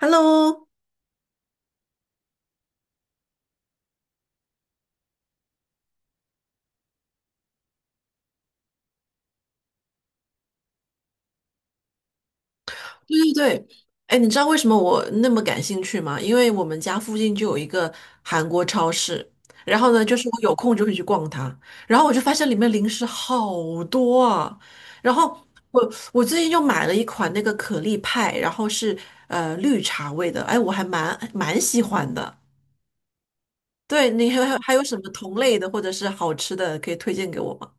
Hello，对对对，哎，你知道为什么我那么感兴趣吗？因为我们家附近就有一个韩国超市，然后呢，就是我有空就会去逛它，然后我就发现里面零食好多啊，然后我最近又买了一款那个可丽派，然后是绿茶味的，哎，我还蛮喜欢的。对，你还有什么同类的或者是好吃的可以推荐给我吗？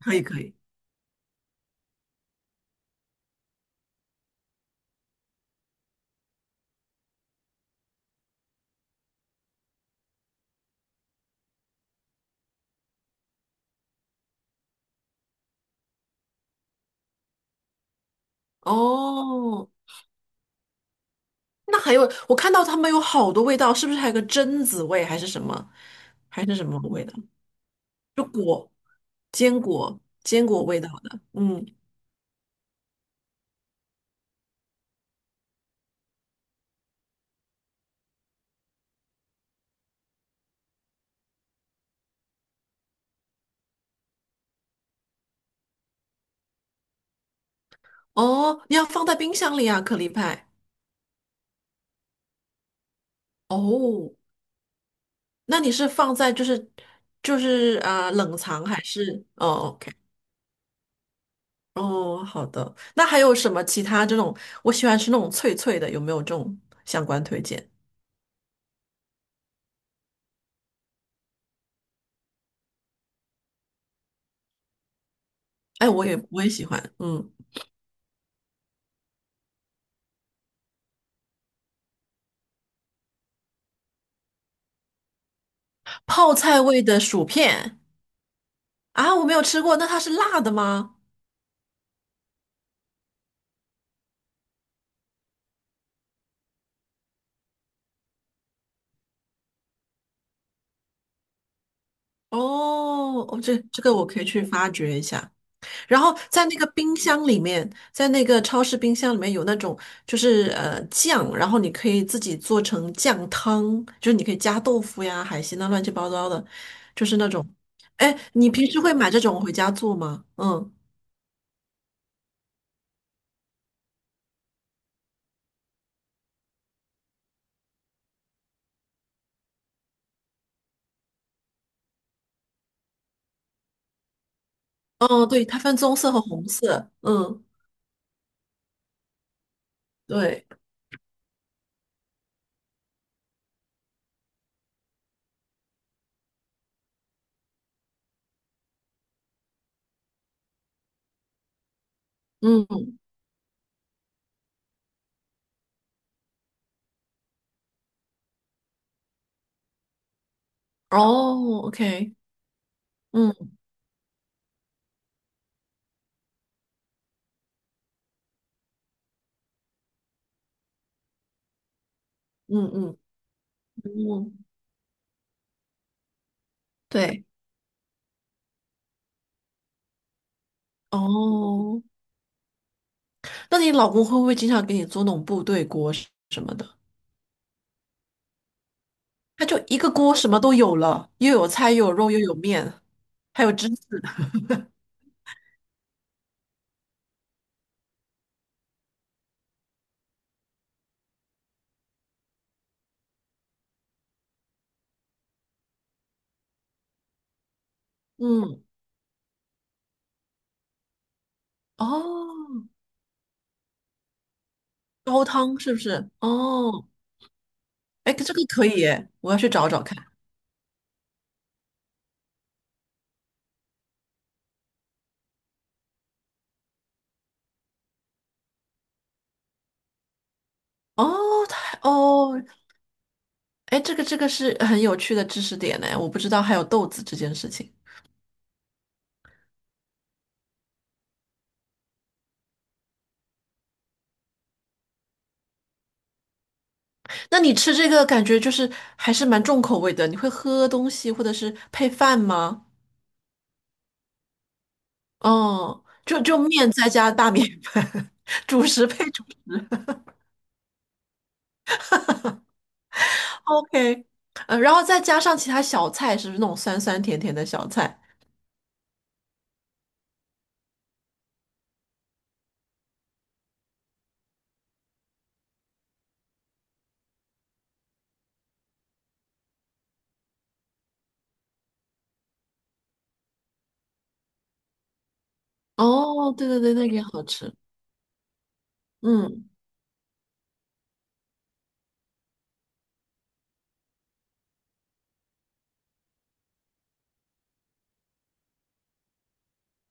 可以可以。哦，那还有，我看到他们有好多味道，是不是还有个榛子味，还是什么，还是什么味道？坚果，坚果味道的。嗯，哦，你要放在冰箱里啊，可丽派。哦，那你是放在冷藏还是？哦，OK，哦，好的。那还有什么其他这种？我喜欢吃那种脆脆的，有没有这种相关推荐？哎，我也喜欢。嗯，泡菜味的薯片啊，我没有吃过，那它是辣的吗？哦，哦，这这个我可以去发掘一下。然后在那个冰箱里面，在那个超市冰箱里面有那种就是酱，然后你可以自己做成酱汤，就是你可以加豆腐呀、海鲜啊，乱七八糟的，就是那种。哎，你平时会买这种回家做吗？嗯，哦，对，它分棕色和红色。嗯，对，嗯，哦，OK，嗯嗯嗯嗯，对，哦。那你老公会不会经常给你做那种部队锅什么的？他就一个锅什么都有了，又有菜，又有肉，又有面，还有芝士。嗯，哦，高汤是不是？哦，哎，这个可以耶，我要去找找看。哦，太哦，哎，这个这个是很有趣的知识点呢，我不知道还有豆子这件事情。那你吃这个感觉就是还是蛮重口味的，你会喝东西或者是配饭吗？哦，就就面再加大米饭，主食配主食，OK，然后再加上其他小菜，是不是那种酸酸甜甜的小菜？哦，对对对，那个也好吃。嗯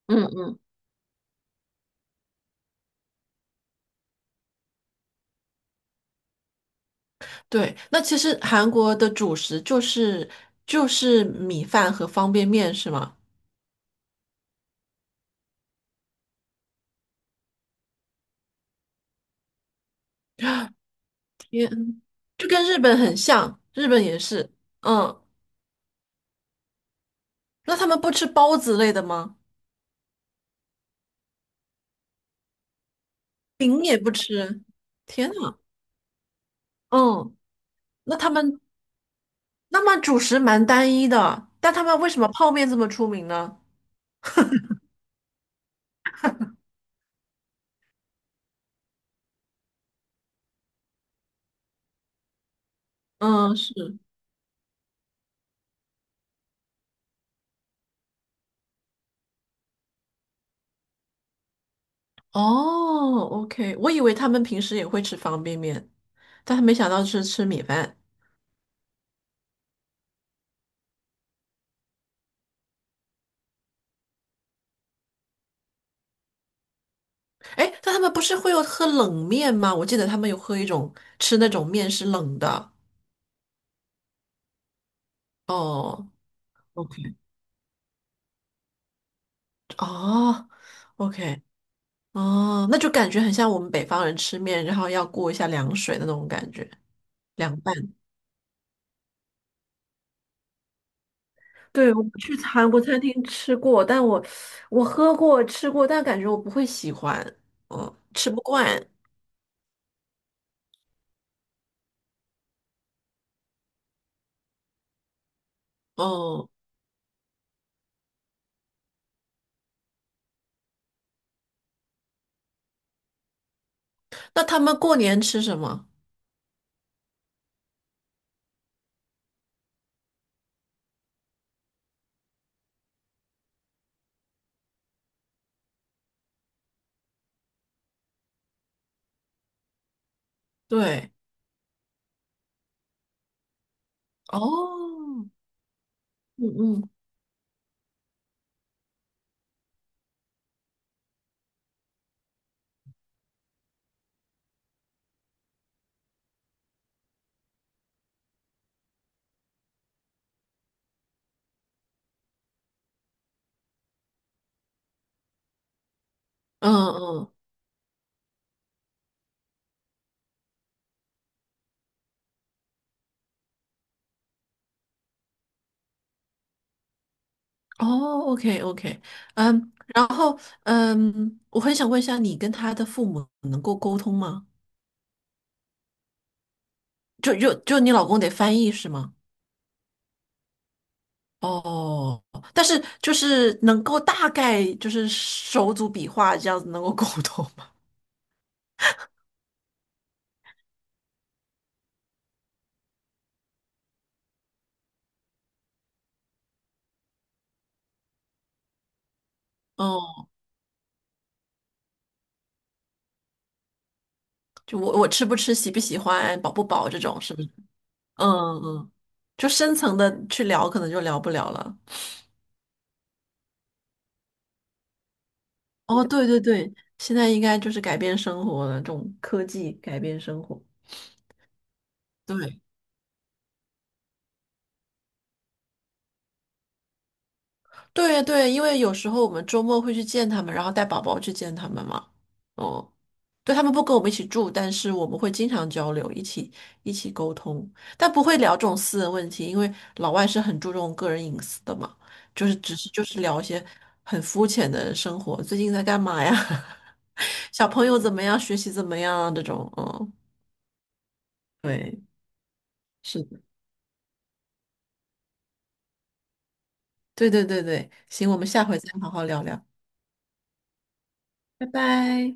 嗯嗯，对，那其实韩国的主食就是就是米饭和方便面是吗？天，就跟日本很像，日本也是。嗯，那他们不吃包子类的吗？饼也不吃。天呐，嗯，那他们那么主食蛮单一的，但他们为什么泡面这么出名呢？嗯，是。哦，OK，我以为他们平时也会吃方便面，但他没想到是吃米饭。哎，但他们不是会有喝冷面吗？我记得他们有喝一种吃那种面是冷的。哦，OK，哦，OK，哦，那就感觉很像我们北方人吃面，然后要过一下凉水的那种感觉，凉拌。对，我去韩国餐厅吃过，但我我喝过吃过，但感觉我不会喜欢，嗯，吃不惯，哦。那他们过年吃什么？对，哦，嗯嗯嗯嗯，哦，OK OK，嗯，然后嗯，我很想问一下，你跟他的父母能够沟通吗？就你老公得翻译是吗？哦，但是就是能够大概就是手足笔画这样子能够沟通吗？哦。就我我吃不吃、喜不喜欢、饱不饱这种，是不是？嗯嗯，就深层的去聊，可能就聊不了了。哦，对对对，现在应该就是改变生活了，这种科技改变生活。对，对对，因为有时候我们周末会去见他们，然后带宝宝去见他们嘛。哦，对，他们不跟我们一起住，但是我们会经常交流，一起沟通，但不会聊这种私人问题，因为老外是很注重个人隐私的嘛。就是只是就是聊一些很肤浅的生活，最近在干嘛呀？小朋友怎么样？学习怎么样啊？这种，嗯，对，是的，对对对对，行，我们下回再好好聊聊，拜拜。